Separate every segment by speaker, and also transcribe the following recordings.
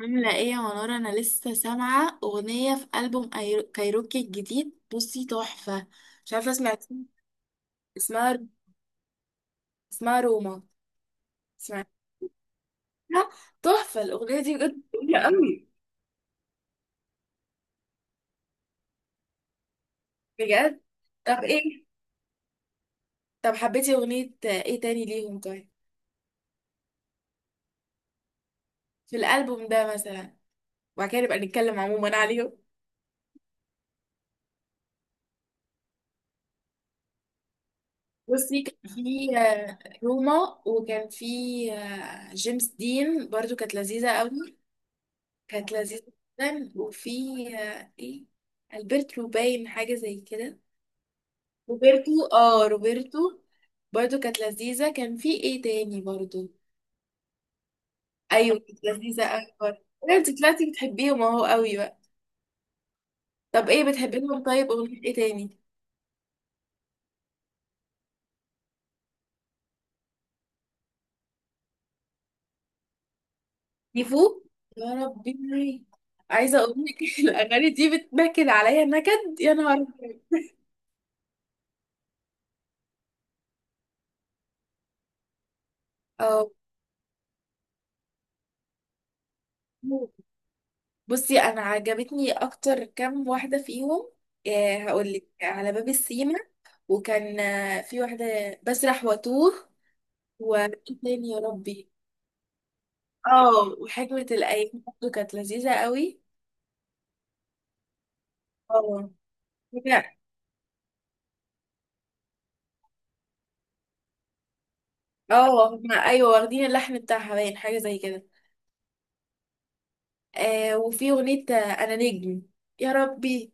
Speaker 1: عاملة ايه يا منورة؟ انا لسه سامعة اغنية في ألبوم كايروكي الجديد، بصي تحفة. مش عارفة، سمعت؟ اسمها اسمها روما. سمعتها؟ تحفة الاغنية دي، بجد جميلة قوي. بجد. طب ايه طب حبيتي اغنية ايه تاني ليهم؟ طيب، في الألبوم ده مثلا، وبعد كده نبقى نتكلم عموما عليهم. بصي كان في روما، وكان في جيمس دين، برضو كانت لذيذة قوي. كانت لذيذة جدا، وفي ايه، البرتو، باين حاجة زي كده. روبرتو، اه، روبرتو، برضو كانت لذيذة. كان في ايه تاني برضو؟ ايوه كانت لذيذة اكبر. انت طلعتي بتحبيهم اهو قوي بقى. طب، ايه بتحبيهم؟ طيب اغنية ايه تاني؟ ديفو. يا ربي، عايزة اقول لك الاغاني دي بتنكد عليا نكد، يا نهار أبيض. اه بصي، انا عجبتني اكتر كام واحدة فيهم. هقول لك على باب السيما، وكان في واحدة بسرح واتوه. وإيه تاني يا ربي؟ اه، وحكمة الأيام برضه كانت لذيذة قوي. اه. فاكرة- اه، هما أيوة واخدين اللحن بتاعها باين حاجة زي كده. وفي أغنية أنا نجم. يا ربي،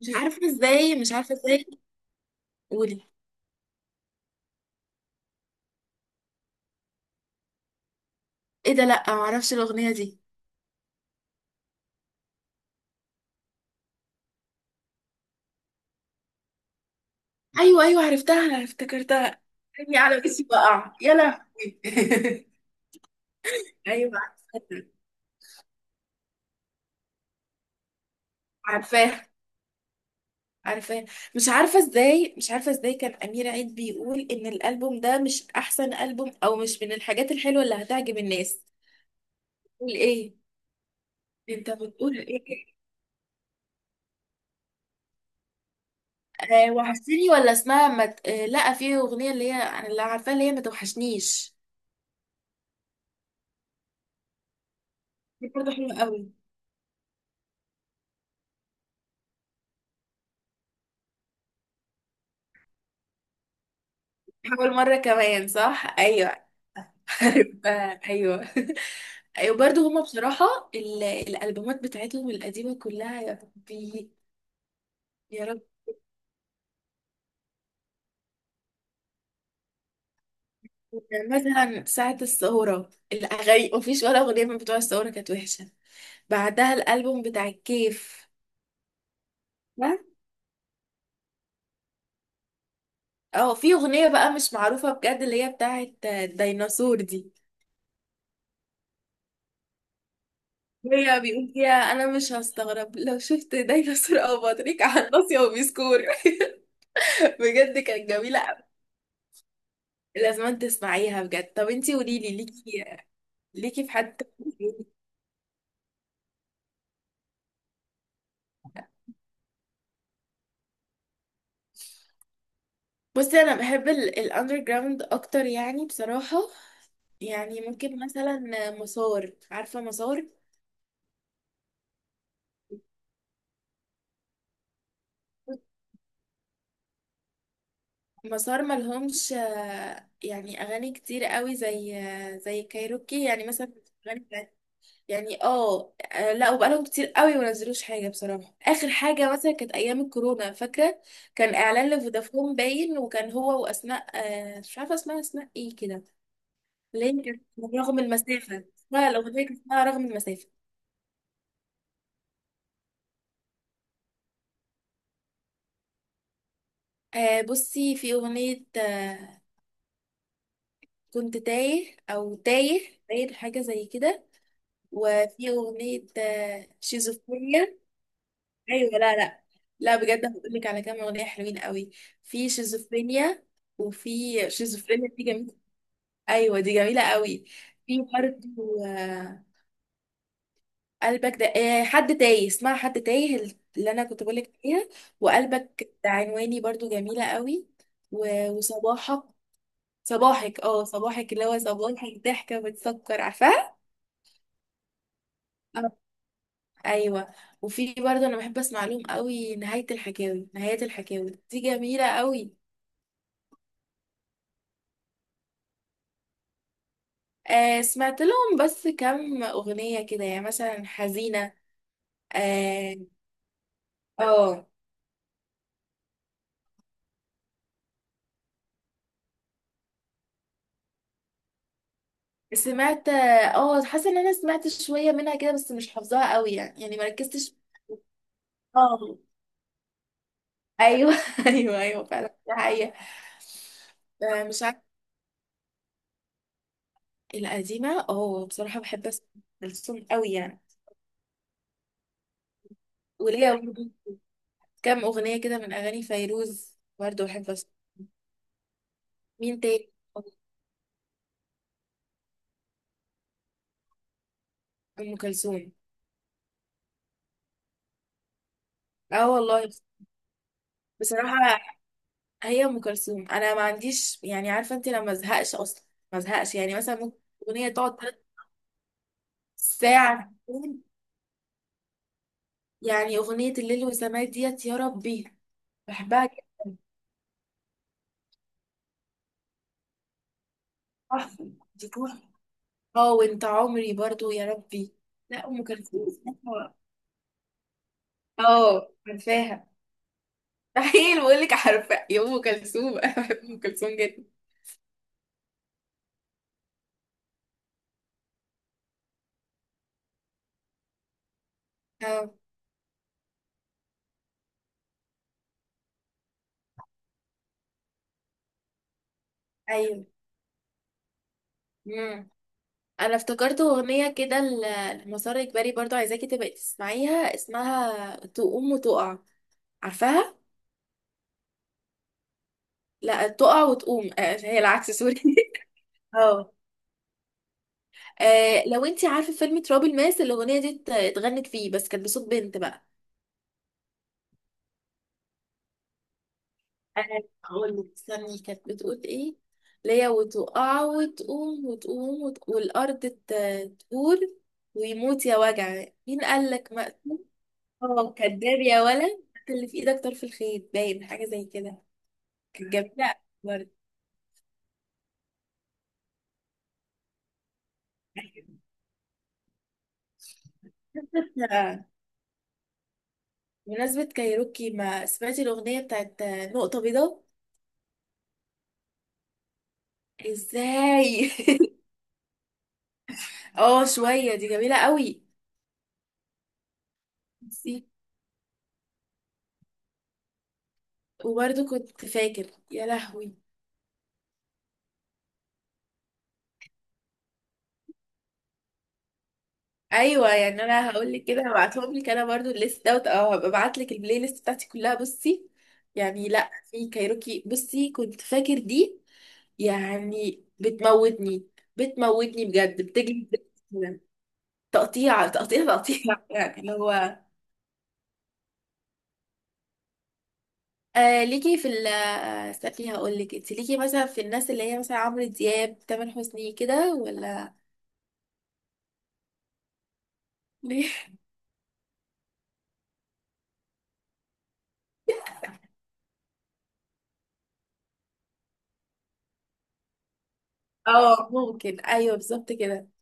Speaker 1: مش عارفة ازاي، مش عارفة ازاي. قولي. ايه ده، لأ معرفش الأغنية دي. أيوة أيوة، عرفتها، أنا افتكرتها. عيني على وشي بقع، يا لهوي أيوة عرفتها، عارفاها، عارفاه. مش عارفه ازاي، مش عارفه ازاي، كان امير عيد بيقول ان الالبوم ده مش احسن البوم، او مش من الحاجات الحلوه اللي هتعجب الناس. بتقول ايه؟ انت بتقول ايه؟ وحشتني؟ ولا اسمها مت... لا، في اغنيه اللي هي انا اللي عارفاها، اللي هي ما توحشنيش. دي برضه حلوه قوي. حاول مره كمان، صح، ايوه عارفاها ايوه. ايوه، برضه هما بصراحه، الالبومات بتاعتهم القديمه كلها، يا ربي. يا يعني مثلا، ساعة الثورة الأغاني مفيش ولا أغنية من بتوع الثورة كانت وحشة. بعدها الألبوم بتاع الكيف. ها؟ اه، في أغنية بقى مش معروفة بجد اللي هي بتاعت الديناصور دي. هي بيقول فيها: أنا مش هستغرب لو شفت ديناصور أو بطريق على الناصية وبيسكور. بجد كانت جميلة أوي. لازم تسمعيها بجد. طب انتي قوليلي، ليكي في حد؟ بصي، انا بحب الاندر جراوند اكتر يعني بصراحة. يعني ممكن مثلا مسار، عارفة مسار؟ مسار ملهمش يعني اغاني كتير قوي، زي كايروكي يعني مثلا. اغاني بتاعت- يعني لا، وبقالهم كتير قوي ما نزلوش حاجة بصراحة. اخر حاجة مثلا كانت ايام الكورونا، فاكرة؟ كان اعلان لفودافون باين، وكان هو واسماء، مش عارفة اسمها اسماء ايه كده. ليه كانت، رغم المسافة، لا الاغنية كانت اسمها رغم المسافة. بصي، في أغنية كنت تايه، أو تايه تايه حاجة زي كده. وفي أغنية شيزوفرينيا. أيوة، لا لا. لا بجد، هقولك على كام أغنية حلوين قوي. في شيزوفرينيا، وفي شيزوفرينيا دي جميلة. أيوة دي جميلة قوي. في برضه آه قلبك ده، حد تايه، اسمها حد تايه، اللي أنا كنت بقولك عليها. وقلبك ده عنواني برضه جميلة قوي. وصباحك. صباحك اه صباحك اللي هو صباحك ضحكة بتسكر، عارفاها؟ آه. ايوه. وفي برضه انا بحب اسمع لهم قوي. نهاية الحكاوي، نهاية الحكاوي دي جميلة قوي. سمعت لهم بس كم اغنية كده، يعني مثلا حزينة. اه. آه. سمعت، حاسة ان انا سمعت شوية منها كده، بس مش حافظاها قوي يعني مركزتش. اه ايوه. ايوه ايوه، فعلا دي حقيقة. مش عارفة. القديمة، بصراحة بحب اسمع كلثوم قوي يعني. وليا برضه كام أغنية كده من أغاني فيروز برضه بحب أسمع. مين تاني؟ أم كلثوم. اه والله، بصراحة. هي أم كلثوم، أنا ما عنديش يعني، عارفة أنت، لما أزهقش أصلا، ما أزهقش يعني مثلا. ممكن أغنية تقعد تلات ساعة. يعني أغنية الليل والسماء ديت، يا ربي، بحبها جدا. تحفة. دي تحفة. اه، وأنت عمري برضه، يا ربي. لا أم كلثوم، اه عارفاها. مستحيل بقول لك عارفة يا أم كلثوم أنا بحب أم كلثوم جدا. اه ايوه امم. انا افتكرت اغنيه كده لمسار اجباري، برضو عايزاكي تبقي تسمعيها، اسمها تقوم وتقع. عارفاها؟ لا، تقع وتقوم، هي العكس، سوري. اه. لو انتي عارفه فيلم تراب الماس، الاغنيه دي اتغنت فيه، بس كانت بصوت بنت بقى. انا هقول لك، استني كانت بتقول ايه. ليا وتقع وتقوم، وتقوم والارض تقول، ويموت يا وجع مين قال لك. اه، كداب يا ولد، حط اللي في ايدك طرف الخيط، باين حاجه زي كده. كانت جميله برضه. لا، بمناسبه كايروكي، ما سمعتي الاغنيه بتاعت نقطه بيضاء؟ ازاي؟ اه شويه، دي جميله قوي. ميرسي. وبرضه كنت فاكر، يا لهوي. ايوه يعني، انا هقول لك كده، هبعتهم لك. انا برضه الليست دوت، هبقى ابعت لك البلاي ليست بتاعتي كلها، بصي. يعني، لا، في كايروكي بصي كنت فاكر دي، يعني بتموتني. بتموتني بجد، بتجلد كده. تقطيع تقطيع تقطيع. يعني اللي هو، ليكي في استني، هقول لك انت، ليكي مثلا في الناس اللي هي مثلا عمرو دياب، تامر حسني كده ولا؟ ليه؟ اه، ممكن، ايوه بالظبط كده.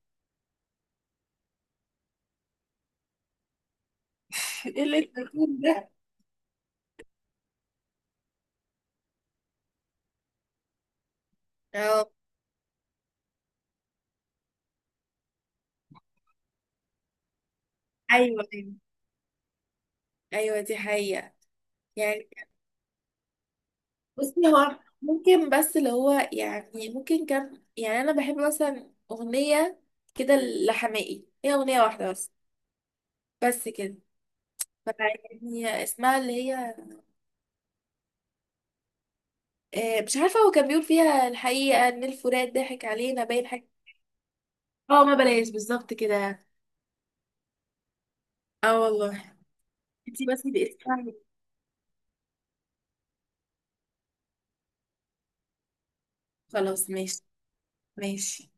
Speaker 1: ايه اللي انت بتقول ده؟ اه ايوه ايوه. أيوة، دي حقيقة. يعني، بصي هو ممكن، بس اللي هو يعني ممكن كم يعني، انا بحب مثلا اغنية كده لحماقي، هي اغنية واحدة بس كده. فيعني اسمها اللي هي، مش عارفة، هو كان بيقول فيها الحقيقة ان الفرات ضحك علينا، باين حاجة. اه، ما بلاش بالظبط كده. اه والله. انتي بس باسمها. خلاص ماشي. ماشي.